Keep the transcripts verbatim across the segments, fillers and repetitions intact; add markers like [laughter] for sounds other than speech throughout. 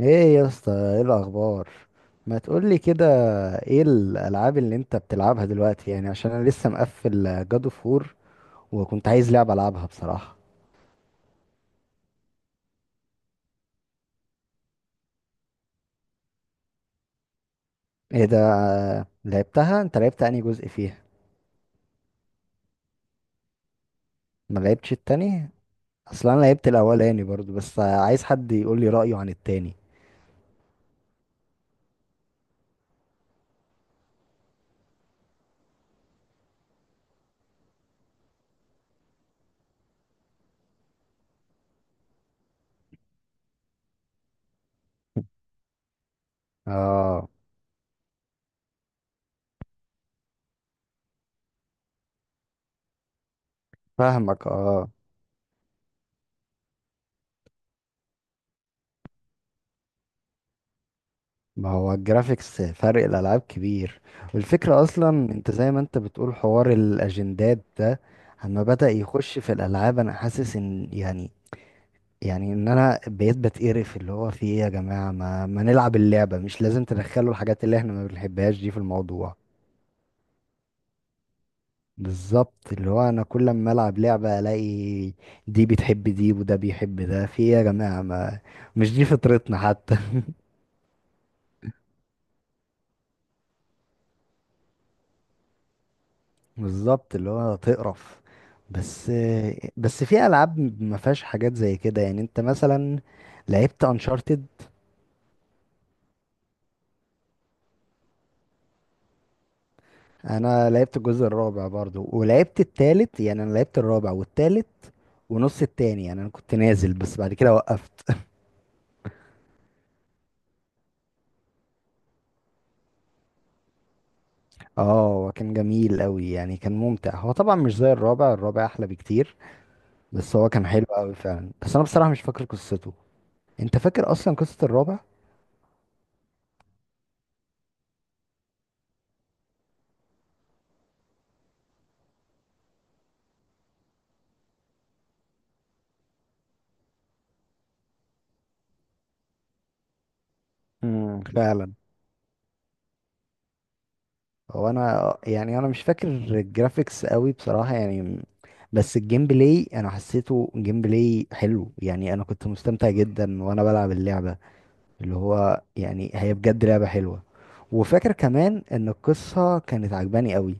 ايه يا اسطى، ايه الاخبار؟ ما تقولي كده. ايه الالعاب اللي انت بتلعبها دلوقتي؟ يعني عشان انا لسه مقفل جادو فور، وكنت عايز لعبه العبها بصراحه. ايه ده؟ لعبتها انت؟ لعبت انهي جزء فيها؟ ما لعبتش التاني؟ اصلا انا لعبت الاولاني برضو، بس عايز حد يقولي رايه عن التاني. اه، فاهمك. اه، ما هو الجرافيكس فرق الالعاب كبير. والفكره اصلا انت زي ما انت بتقول، حوار الاجندات ده اما بدا يخش في الالعاب انا حاسس ان يعني يعني ان انا بقيت بتقرف. اللي هو في ايه يا جماعه، ما, ما نلعب اللعبه، مش لازم تدخلوا الحاجات اللي احنا ما بنحبهاش دي في الموضوع. بالظبط، اللي هو انا كل ما العب لعبه الاقي دي بتحب دي وده بيحب ده. في ايه يا جماعه؟ ما مش دي فطرتنا حتى. بالظبط، اللي هو تقرف بس. بس في العاب ما فيهاش حاجات زي كده. يعني انت مثلا لعبت انشارتد. انا لعبت الجزء الرابع برضو، ولعبت التالت. يعني انا لعبت الرابع والتالت ونص التاني. يعني انا كنت نازل بس بعد كده وقفت. [laughs] اه، هو كان جميل قوي، يعني كان ممتع. هو طبعا مش زي الرابع، الرابع احلى بكتير. بس هو كان حلو قوي فعلا، بس انا بصراحة مش فاكر قصته. انت فاكر اصلا قصة الرابع؟ امم فعلا. هو انا يعني انا مش فاكر الجرافيكس قوي بصراحة يعني، بس الجيم بلاي انا حسيته جيم بلاي حلو. يعني انا كنت مستمتع جدا وانا بلعب اللعبة. اللي هو يعني هي بجد لعبة حلوة. وفاكر كمان ان القصة كانت عجباني قوي.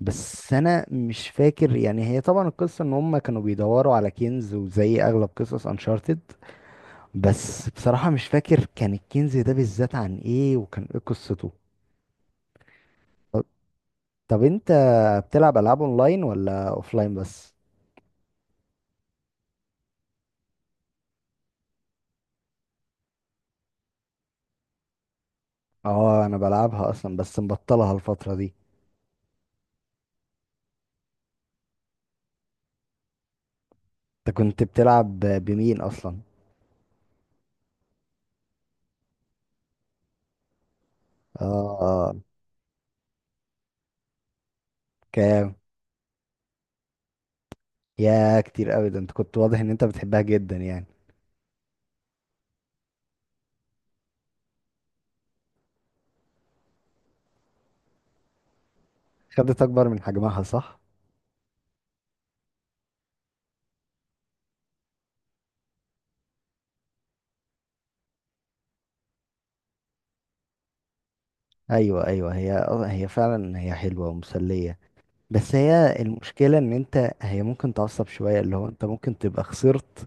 بس انا مش فاكر، يعني هي طبعا القصة ان هم كانوا بيدوروا على كنز، وزي اغلب قصص انشارتد. بس بصراحة مش فاكر كان الكنز ده بالذات عن ايه وكان ايه قصته. طب انت بتلعب العاب اونلاين ولا اوفلاين بس؟ اه انا بلعبها اصلا بس مبطلها الفتره دي. انت كنت بتلعب بمين اصلا؟ اه، كام؟ يا كتير قوي ده، انت كنت واضح ان انت بتحبها جدا يعني. خدت اكبر من حجمها صح؟ ايوه ايوه، هي اه هي فعلا، هي حلوه ومسليه. بس هي المشكله ان انت هي ممكن تعصب شويه، اللي هو انت ممكن تبقى خسرت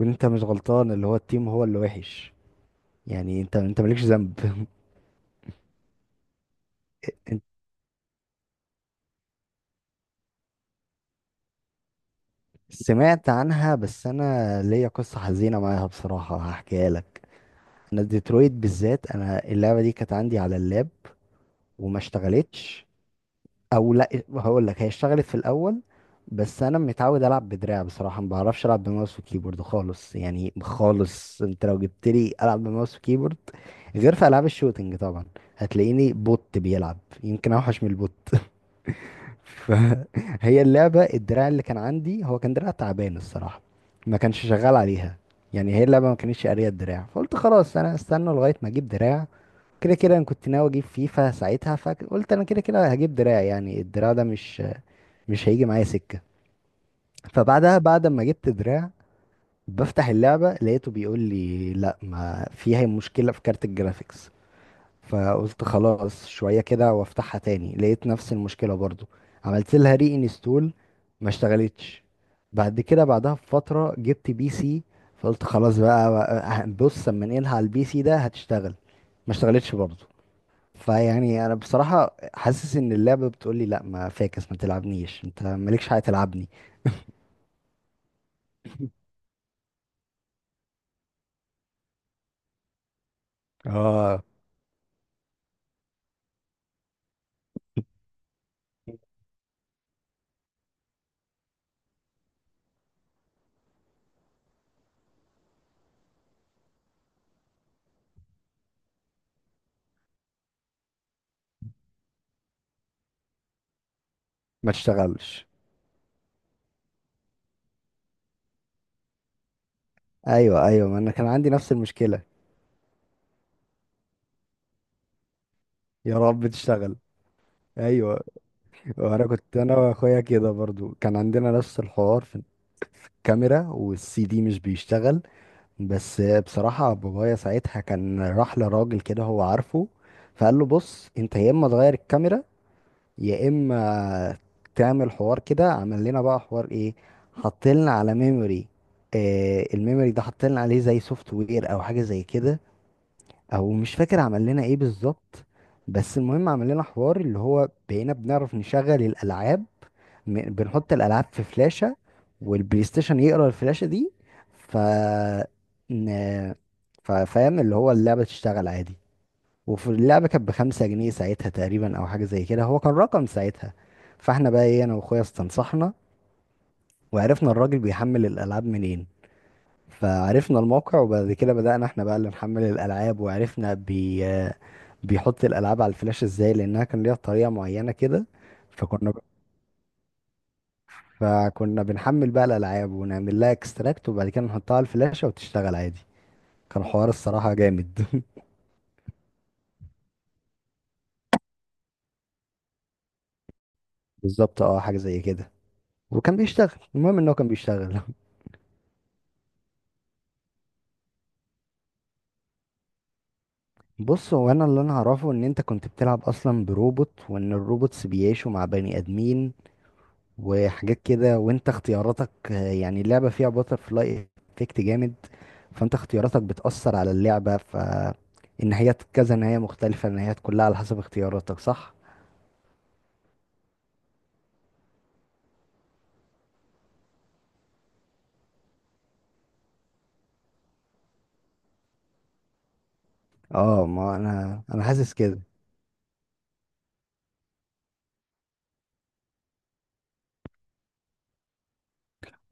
وانت مش غلطان، اللي هو التيم هو اللي وحش، يعني انت انت مالكش ذنب. [laughs] سمعت عنها، بس انا ليا قصة حزينة معاها بصراحة، هحكيها لك. انا ديترويت بالذات، انا اللعبة دي كانت عندي على اللاب وما اشتغلتش. او لا، هقول لك هي اشتغلت في الاول، بس انا متعود العب بدراع بصراحة، ما بعرفش العب بماوس وكيبورد خالص، يعني خالص. انت لو جبت لي العب بماوس وكيبورد، غير في العاب الشوتينج طبعا، هتلاقيني بوت بيلعب يمكن اوحش من البوت. فهي [laughs] اللعبة، الدراع اللي كان عندي هو كان دراع تعبان الصراحة، ما كانش شغال عليها. يعني هي اللعبة ما كانتش قارية الدراع، فقلت خلاص أنا استنى لغاية ما أجيب دراع. كده كده أنا كنت ناوي أجيب فيفا ساعتها، فقلت أنا كده كده هجيب دراع. يعني الدراع ده مش مش هيجي معايا سكة. فبعدها، بعد ما جبت دراع، بفتح اللعبة لقيته بيقول لي لا، ما فيها مشكلة في كارت الجرافيكس. فقلت خلاص شوية كده وافتحها تاني، لقيت نفس المشكلة برضو. عملت لها ري انستول، ما اشتغلتش. بعد كده، بعدها بفترة، جبت بي سي. فقلت خلاص، بقى بقى- بص اما انقلها على البي سي ده هتشتغل. ما اشتغلتش برضو. فيعني انا بصراحة حاسس ان اللعبة بتقولي لا، ما فاكس، ما تلعبنيش، انت مالكش حاجة تلعبني. اه، ما تشتغلش. ايوه ايوه، ما انا كان عندي نفس المشكلة. يا رب تشتغل. ايوه. وانا كنت انا واخويا كده برضو، كان عندنا نفس الحوار في الكاميرا والسي دي مش بيشتغل. بس بصراحة بابايا ساعتها كان راح لراجل كده هو عارفه، فقال له بص انت يا اما تغير الكاميرا، يا اما تعمل حوار كده. عمل لنا بقى حوار ايه؟ حط لنا على ميموري. آه الميموري ده حط لنا عليه زي سوفت وير او حاجة زي كده، او مش فاكر عمل لنا ايه بالظبط. بس المهم عمل لنا حوار، اللي هو بقينا بنعرف نشغل الالعاب. م- بنحط الالعاب في فلاشة والبلاي ستيشن يقرا الفلاشة دي. ف ن- ف- فاهم، اللي هو اللعبة تشتغل عادي. وفي اللعبة كانت بخمسة جنيه ساعتها تقريبا أو حاجة زي كده، هو كان رقم ساعتها. فاحنا بقى ايه، أنا وأخويا استنصحنا وعرفنا الراجل بيحمل الألعاب منين. فعرفنا الموقع وبعد كده بدأنا احنا بقى اللي نحمل الألعاب، وعرفنا بي بيحط الألعاب على الفلاش ازاي، لأنها كان ليها طريقة معينة كده. فكنا فكنا بنحمل بقى الألعاب ونعمل لها اكستراكت وبعد كده نحطها على الفلاشة وتشتغل عادي. كان حوار الصراحة جامد. [laughs] بالظبط اه، حاجة زي كده وكان بيشتغل. المهم ان هو كان بيشتغل. [laughs] بص هو انا اللي انا اعرفه ان انت كنت بتلعب اصلا بروبوت، وان الروبوتس بيعيشوا مع بني ادمين وحاجات كده. وانت اختياراتك، آه، يعني اللعبة فيها باتر فلاي افكت جامد. فانت اختياراتك بتأثر على اللعبة، فالنهايات كذا نهاية مختلفة، النهايات كلها على حسب اختياراتك صح؟ اه، ما انا انا حاسس كده.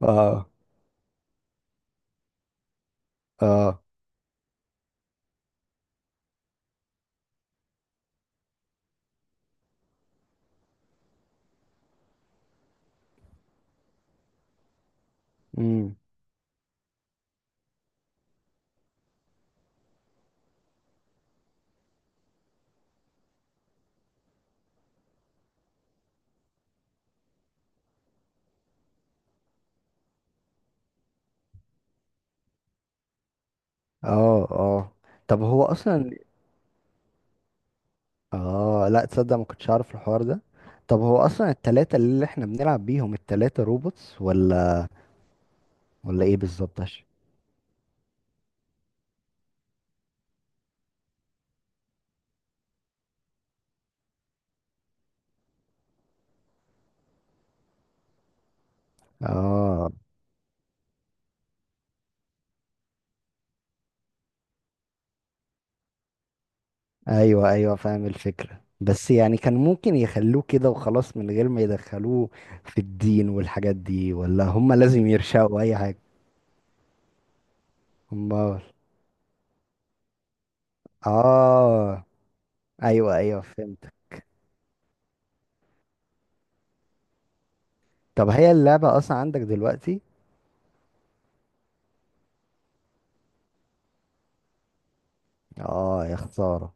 اه اه. امم اه اه. طب هو اصلا، اه لا، تصدق ما كنتش عارف الحوار ده. طب هو اصلا التلاتة اللي احنا بنلعب بيهم، التلاتة روبوتس ولا ولا ايه بالظبط؟ عشان- اه، ايوه ايوه فاهم الفكرة، بس يعني كان ممكن يخلوه كده وخلاص من غير ما يدخلوه في الدين والحاجات دي، ولا هم لازم يرشقوا اي حاجة؟ هم. اه ايوه ايوه فهمت. طب هي اللعبة اصلا عندك دلوقتي؟ اه، يا خسارة.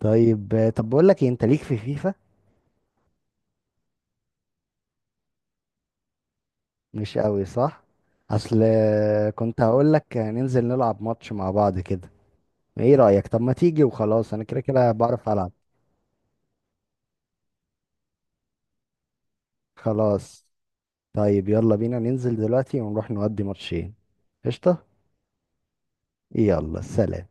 طيب، طب بقول لك إيه، انت ليك في فيفا؟ مش قوي صح؟ اصل كنت هقول لك ننزل نلعب ماتش مع بعض كده، ايه رأيك؟ طب ما تيجي وخلاص، انا كده كده بعرف العب. خلاص. طيب يلا بينا ننزل دلوقتي ونروح نودي ماتشين. قشطة. يلا سلام.